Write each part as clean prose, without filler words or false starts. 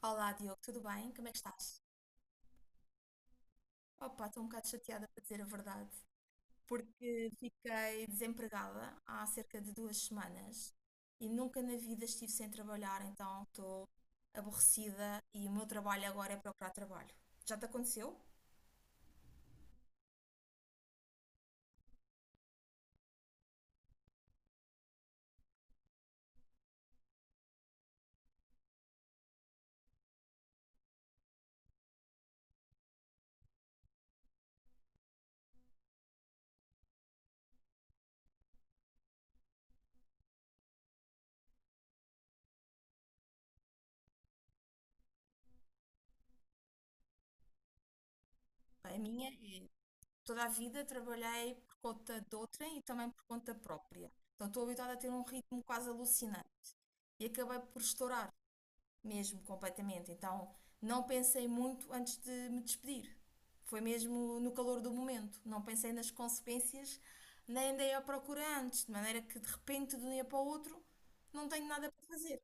Olá, Diogo, tudo bem? Como é que estás? Opa, estou um bocado chateada para dizer a verdade, porque fiquei desempregada há cerca de 2 semanas e nunca na vida estive sem trabalhar, então estou aborrecida e o meu trabalho agora é procurar trabalho. Já te aconteceu? É. A minha é, toda a vida trabalhei por conta de outrem e também por conta própria. Então estou habituada a ter um ritmo quase alucinante e acabei por estourar, mesmo completamente. Então não pensei muito antes de me despedir. Foi mesmo no calor do momento. Não pensei nas consequências, nem andei à procura antes, de maneira que de repente, de um dia para o outro, não tenho nada para fazer.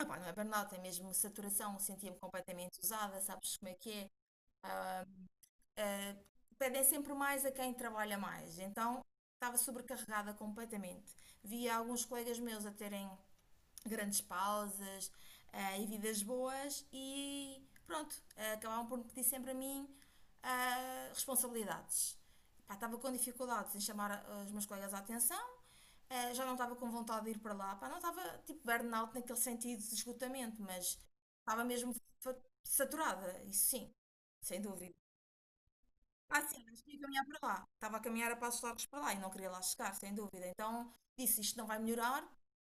Ah pá, não é burnout, é mesmo saturação. Sentia-me completamente usada, sabes como é que é? Pedem sempre mais a quem trabalha mais. Então, estava sobrecarregada completamente. Via alguns colegas meus a terem grandes pausas, e vidas boas e pronto, acabavam por me pedir sempre a mim responsabilidades. Pá, estava com dificuldades em chamar os meus colegas à atenção, já não estava com vontade de ir para lá. Pá, não estava tipo burnout naquele sentido de esgotamento, mas estava mesmo fa- saturada, isso sim, sem dúvida. Ah, sim, mas tinha que caminhar para lá. Estava a caminhar a passos largos para lá e não queria lá chegar, sem dúvida. Então disse: isto não vai melhorar,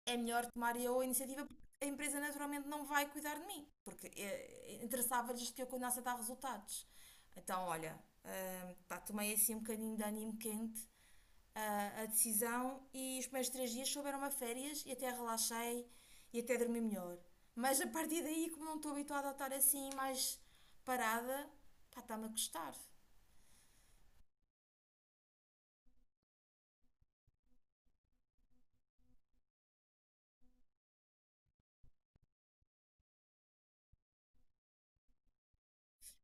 é melhor tomar eu a iniciativa porque a empresa naturalmente não vai cuidar de mim, porque interessava-lhes que eu continuasse a dar resultados. Então, olha, pá, tomei assim um bocadinho de ânimo quente a decisão e os primeiros 3 dias souberam a férias e até relaxei e até dormi melhor. Mas a partir daí, como não estou habituada a estar assim mais parada, pá, está-me a custar.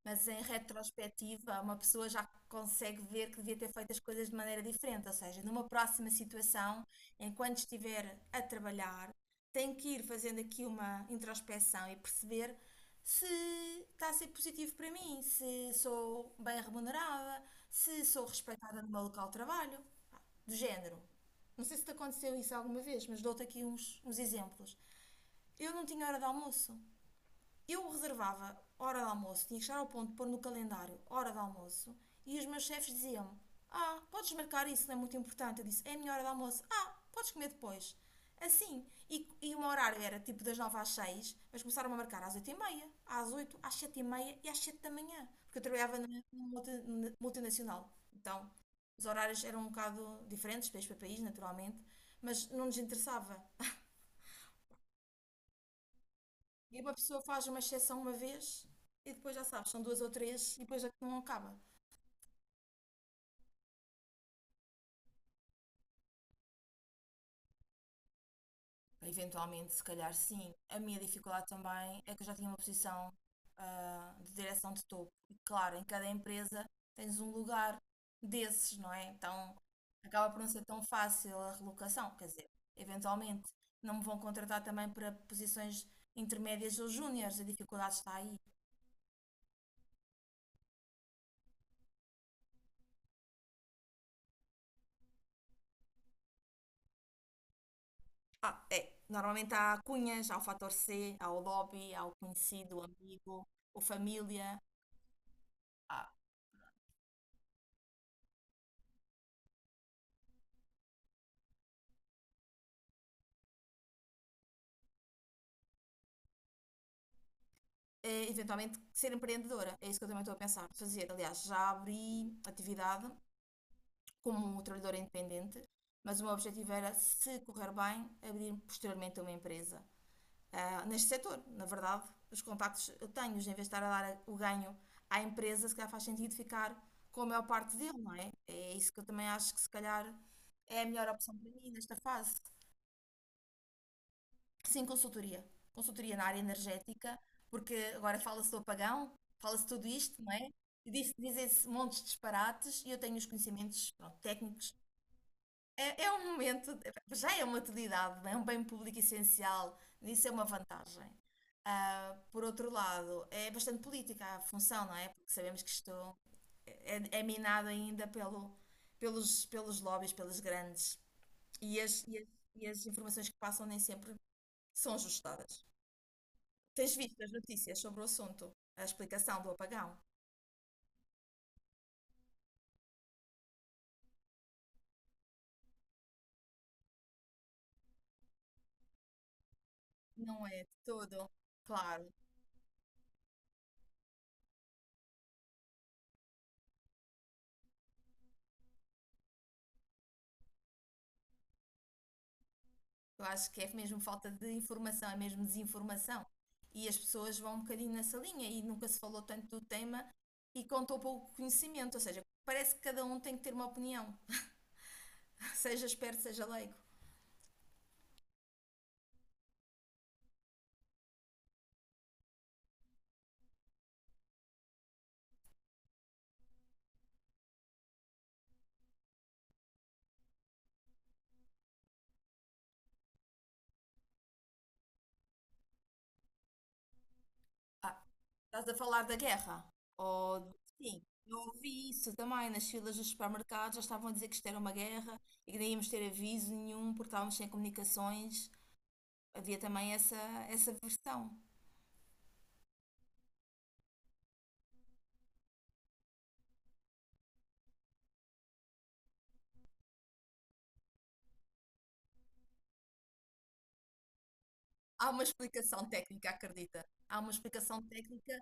Mas em retrospectiva, uma pessoa já consegue ver que devia ter feito as coisas de maneira diferente. Ou seja, numa próxima situação, enquanto estiver a trabalhar, tem que ir fazendo aqui uma introspeção e perceber se está a ser positivo para mim, se sou bem remunerada, se sou respeitada no meu local de trabalho, pá, do género. Não sei se te aconteceu isso alguma vez, mas dou-te aqui uns exemplos. Eu não tinha hora de almoço, eu reservava hora de almoço, tinha que chegar ao ponto de pôr no calendário hora de almoço, e os meus chefes diziam-me: Ah, podes marcar isso, não é muito importante. Eu disse: É a minha hora de almoço. Ah, podes comer depois. Assim. E o meu horário era tipo das 9 às seis, mas começaram a marcar às 8 e meia, às oito, às 7 e meia e às 7 da manhã, porque eu trabalhava numa multinacional. Então, os horários eram um bocado diferentes, país para país, naturalmente, mas não nos interessava. E uma pessoa faz uma exceção uma vez e depois já sabes, são duas ou três e depois aquilo não acaba. Eventualmente, se calhar sim. A minha dificuldade também é que eu já tinha uma posição de direção de topo. E claro, em cada empresa tens um lugar desses, não é? Então acaba por não ser tão fácil a relocação. Quer dizer, eventualmente não me vão contratar também para posições intermédias ou júniores. A dificuldade está aí. Ah, é. Normalmente há cunhas, há o fator C, há o lobby, há o conhecido, o amigo, o família. Há, eventualmente, ser empreendedora. É isso que eu também estou a pensar fazer. Aliás, já abri atividade como trabalhadora independente, mas o meu objetivo era, se correr bem, abrir posteriormente uma empresa neste setor. Na verdade, os contactos eu tenho, em vez de estar a dar o ganho à empresa, se calhar faz sentido ficar com a maior parte dele, não é? É isso que eu também acho que se calhar é a melhor opção para mim nesta fase. Sim, consultoria. Consultoria na área energética, porque agora fala-se do apagão, fala-se tudo isto, não é? E dizem-se montes de disparates e eu tenho os conhecimentos, pronto, técnicos. É, é um momento, já é uma utilidade, não é? É um bem público essencial, isso é uma vantagem. Ah, por outro lado, é bastante política a função, não é? Porque sabemos que isto é minado ainda pelo, pelos lobbies, pelas grandes. E as, e, as, e as informações que passam nem sempre são ajustadas. Tens visto as notícias sobre o assunto, a explicação do apagão? Não é de todo claro. Eu acho que é mesmo falta de informação, é mesmo desinformação. E as pessoas vão um bocadinho nessa linha e nunca se falou tanto do tema e contou pouco conhecimento, ou seja, parece que cada um tem que ter uma opinião, seja esperto, seja leigo. Ah, estás a falar da guerra? Ou sim, eu ouvi isso também nas filas dos supermercados, já estavam a dizer que isto era uma guerra e que nem íamos ter aviso nenhum porque estávamos sem comunicações. Havia também essa versão. Há uma explicação técnica, acredita? Há uma explicação técnica.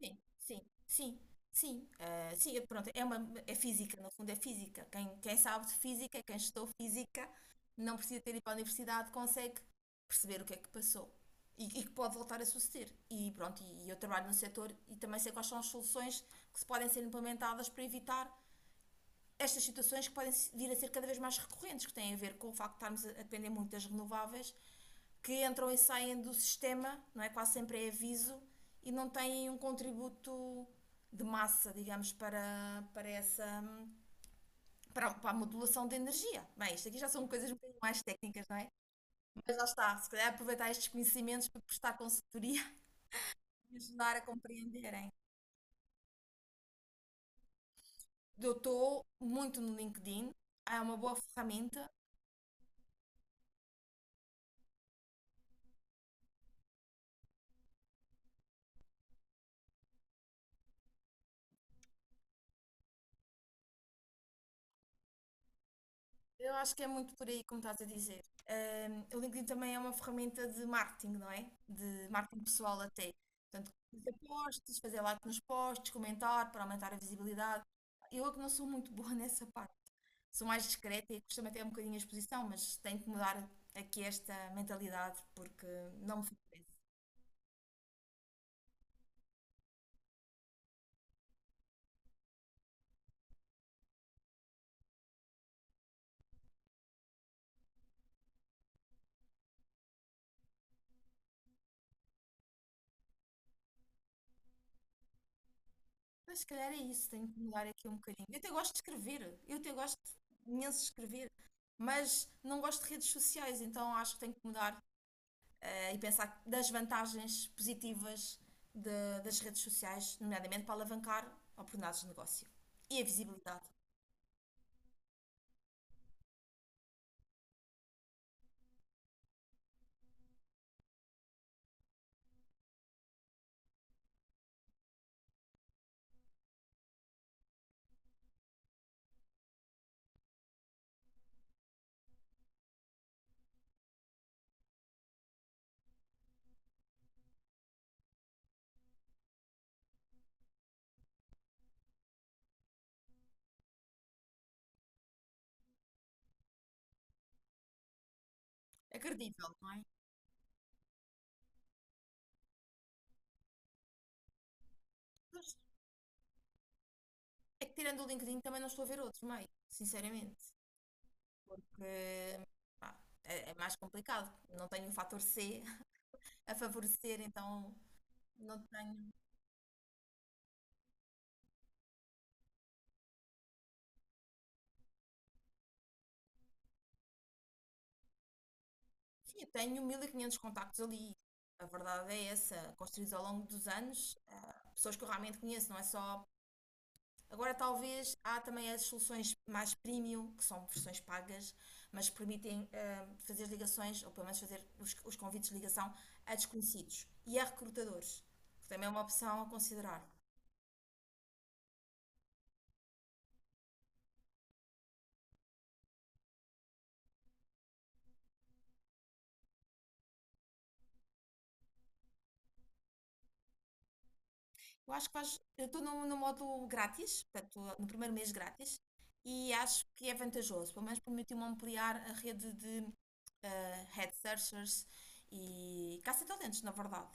Sim, sim, sim, sim, sim, pronto, é uma, é física, no fundo é física. Quem sabe de física, quem estudou física, não precisa ter ido para a universidade, consegue perceber o que é que passou e que pode voltar a suceder. E pronto, e, eu trabalho no setor e também sei quais soluções que podem ser implementadas para evitar estas situações que podem vir a ser cada vez mais recorrentes, que têm a ver com o facto de estarmos a depender muito das renováveis, que entram e saem do sistema, não é? Quase sempre é aviso e não têm um contributo de massa, digamos, para essa para a modulação de energia. Bem, isto aqui já são coisas um bocadinho mais técnicas, não é? Mas lá está, se calhar aproveitar estes conhecimentos para prestar consultoria e ajudar a compreenderem. Eu estou muito no LinkedIn, é uma boa ferramenta. Eu acho que é muito por aí, como estás a dizer. O LinkedIn também é uma ferramenta de marketing, não é? De marketing pessoal até. Portanto, fazer posts, fazer like nos posts, comentar para aumentar a visibilidade. Eu é que não sou muito boa nessa parte. Sou mais discreta e costumo me até um bocadinho a exposição, mas tenho que mudar aqui esta mentalidade porque não me favorece. Mas se calhar é isso, tenho que mudar aqui um bocadinho. Eu até gosto de escrever, eu até gosto imenso de escrever, mas não gosto de redes sociais, então acho que tenho que mudar e pensar das vantagens positivas das redes sociais, nomeadamente para alavancar oportunidades de negócio e a visibilidade. É credível, não é? Pois, é que tirando o LinkedIn também não estou a ver outro meio, sinceramente. Porque, pá, é, é mais complicado. Não tenho o fator C a favorecer, então não tenho. Sim, eu tenho 1500 contactos ali. A verdade é essa, construídos ao longo dos anos, pessoas que eu realmente conheço, não é só. Agora, talvez há também as soluções mais premium, que são versões pagas, mas permitem fazer ligações, ou pelo menos fazer os convites de ligação a desconhecidos e a recrutadores, que também é uma opção a considerar. Eu acho que faz. Eu estou no, no modo grátis, portanto, no primeiro mês grátis, e acho que é vantajoso, pelo menos permitiu-me ampliar a rede de head searchers e caça-talentos, na verdade.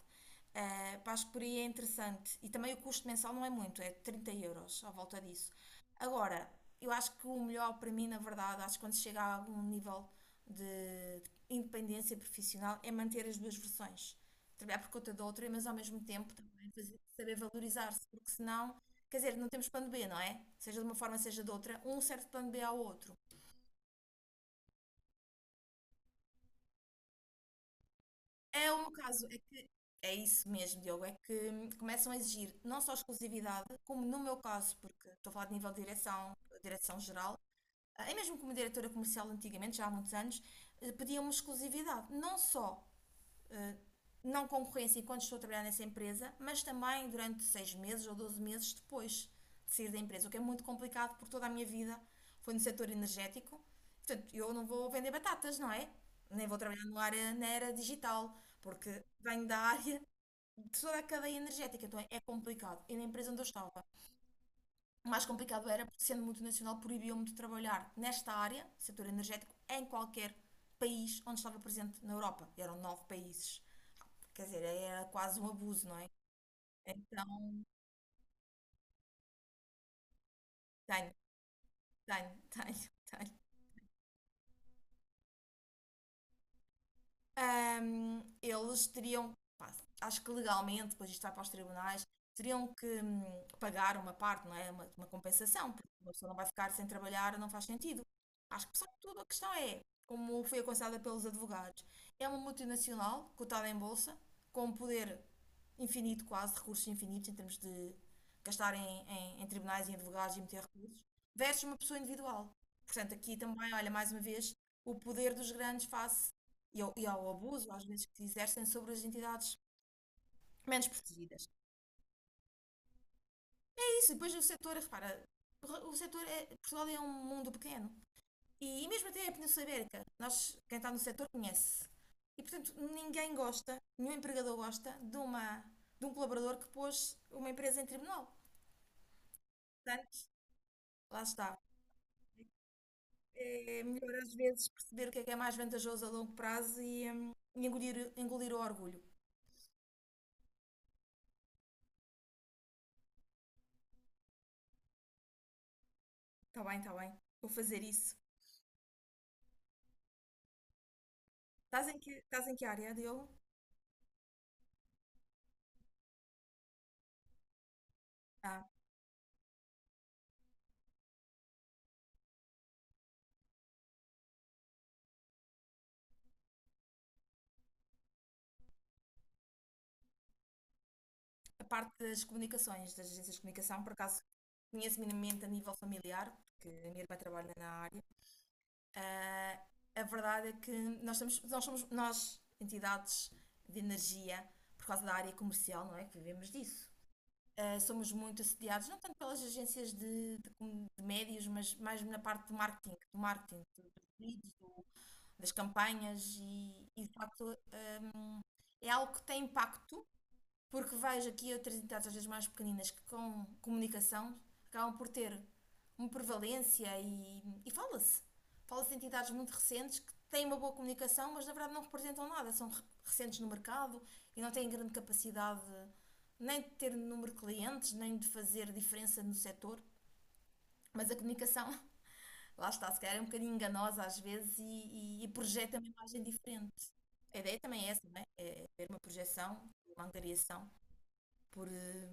Pá, acho que por aí é interessante. E também o custo mensal não é muito, é 30 € à volta disso. Agora, eu acho que o melhor para mim, na verdade, acho que quando se chega a algum nível de independência profissional é manter as duas versões. Trabalhar por conta da outra, mas ao mesmo tempo também saber valorizar-se, porque senão, quer dizer, não temos plano B, não é? Seja de uma forma, seja de outra, um serve de plano B ao outro. É um caso, é que é isso mesmo, Diogo, é que começam a exigir não só exclusividade, como no meu caso, porque estou a falar de nível de direção, direção geral, e mesmo como diretora comercial antigamente, já há muitos anos, pediam-me exclusividade, não só eh, não concorrência enquanto estou a trabalhar nessa empresa, mas também durante 6 meses ou 12 meses depois de sair da empresa, o que é muito complicado porque toda a minha vida foi no setor energético. Portanto, eu não vou vender batatas, não é? Nem vou trabalhar no área, na era digital, porque venho da área de toda a cadeia energética, então é complicado. E na empresa onde eu estava, o mais complicado era porque, sendo multinacional, proibiam-me de trabalhar nesta área, setor energético, em qualquer país onde estava presente na Europa. E eram 9 países. Quer dizer, era quase um abuso, não é? Então, tenho, tenho, tenho, tenho. Eles teriam, pá, acho que legalmente, depois isto vai para os tribunais, teriam que pagar uma parte, não é? Uma compensação, porque uma pessoa não vai ficar sem trabalhar, não faz sentido. Acho que, apesar de tudo, a questão é, como foi aconselhada pelos advogados, é uma multinacional cotada em bolsa, com um poder infinito, quase, recursos infinitos em termos de gastar em tribunais e em advogados e meter recursos, versus uma pessoa individual. Portanto, aqui também, olha, mais uma vez, o poder dos grandes face e ao abuso, às vezes, que se exercem sobre as entidades menos protegidas. É isso, depois o setor, repara, o setor é. Portugal é um mundo pequeno. E, mesmo até a Península Ibérica, nós, quem está no setor conhece. E portanto, ninguém gosta, nenhum empregador gosta de, uma, de um colaborador que pôs uma empresa em tribunal. Portanto, lá está. É melhor às vezes perceber o que é mais vantajoso a longo prazo e engolir o orgulho. Está bem, está bem. Vou fazer isso. Estás em que área, Diogo? Ah, a parte das comunicações, das agências de comunicação, por acaso conheço minimamente a nível familiar, porque a minha irmã trabalha na área. Ah, a verdade é que nós, estamos, nós somos, nós, entidades de energia, por causa da área comercial, não é? Que vivemos disso. Ah, somos muito assediados, não tanto pelas agências de médios, mas mais na parte do marketing, dos leads, das campanhas e de facto é algo que tem impacto porque vejo aqui outras entidades, às vezes mais pequeninas, que com comunicação acabam por ter uma prevalência e fala-se. Fala-se de entidades muito recentes que têm uma boa comunicação, mas na verdade não representam nada, são recentes no mercado e não têm grande capacidade nem de ter número de clientes, nem de fazer diferença no setor. Mas a comunicação, lá está, se calhar é um bocadinho enganosa às vezes e projeta uma imagem diferente. A ideia também é essa, não é? É ter uma projeção, uma angariação por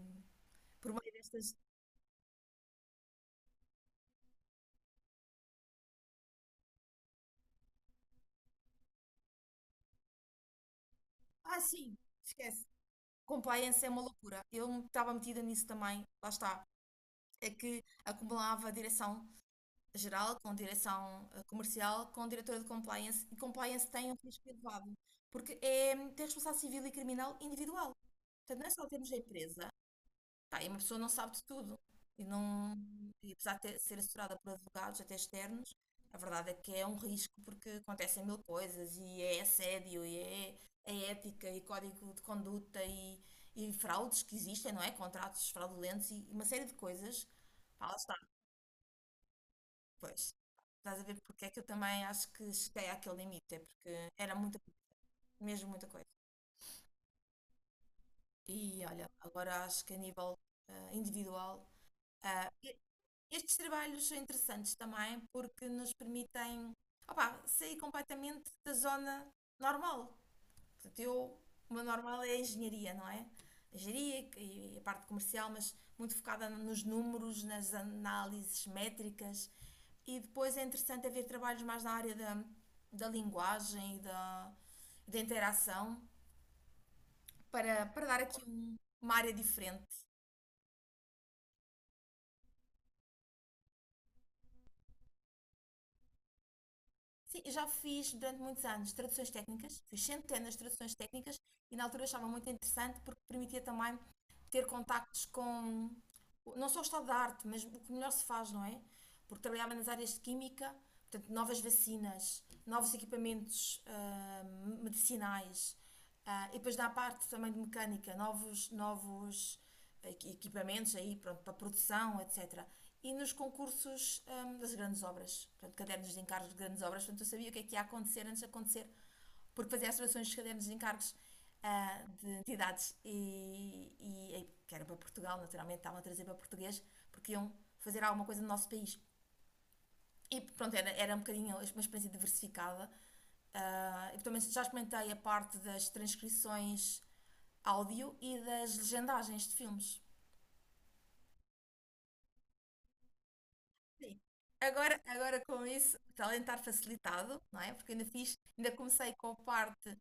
por meio destas. Ah, sim, esquece. Compliance é uma loucura. Eu estava metida nisso também, lá está. É que acumulava direção geral com direção comercial, com diretora de compliance, e compliance tem um risco elevado, porque é, tem responsabilidade civil e criminal individual. Portanto, não é só termos a empresa. Pá, e uma pessoa não sabe de tudo. E, não, e apesar de ser assessorada por advogados, até externos, a verdade é que é um risco porque acontecem mil coisas e é assédio, é ética, e código de conduta, e fraudes que existem, não é? Contratos fraudulentos e uma série de coisas. Pá, lá está, pois. Estás a ver porque é que eu também acho que cheguei àquele limite, é porque era muita, mesmo muita coisa. E olha, agora acho que a nível individual. Estes trabalhos são interessantes também porque nos permitem opá, sair completamente da zona normal. Portanto, eu, o meu normal é a engenharia, não é? A engenharia e a parte comercial, mas muito focada nos números, nas análises métricas. E depois é interessante haver trabalhos mais na área da, da linguagem e da, da interação para, para dar aqui uma área diferente. Sim, eu já fiz durante muitos anos traduções técnicas, fiz centenas de traduções técnicas e na altura achava muito interessante porque permitia também ter contactos com não só o estado da arte, mas o que melhor se faz, não é? Porque trabalhava nas áreas de química, portanto, novas vacinas, novos equipamentos medicinais, e depois na parte também de mecânica, novos equipamentos aí, pronto, para produção, etc. E nos concursos das grandes obras, portanto, cadernos de encargos de grandes obras, portanto, eu sabia o que é que ia acontecer antes de acontecer porque fazia as traduções dos cadernos de encargos de entidades e que era para Portugal, naturalmente, estavam a trazer para português, porque iam fazer alguma coisa no nosso país. E pronto, era um bocadinho uma experiência diversificada. Ah, e também já experimentei a parte das transcrições áudio e das legendagens de filmes. Sim. Agora, agora com isso, talentar facilitado, não é? Porque ainda fiz, ainda comecei com a parte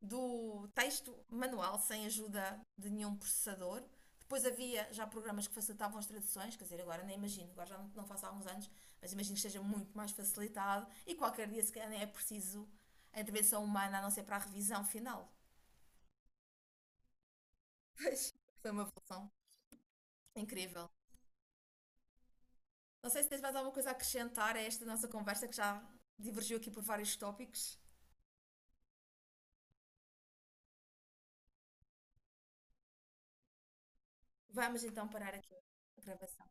do texto manual, sem ajuda de nenhum processador. Depois havia já programas que facilitavam as traduções, quer dizer, agora nem imagino, agora já não, não faço há alguns anos, mas imagino que esteja muito mais facilitado e qualquer dia se calhar nem é preciso a intervenção humana, a não ser para a revisão final. Mas foi uma evolução incrível. Não sei se tens mais alguma coisa a acrescentar a esta nossa conversa que já divergiu aqui por vários tópicos. Vamos então parar aqui a gravação.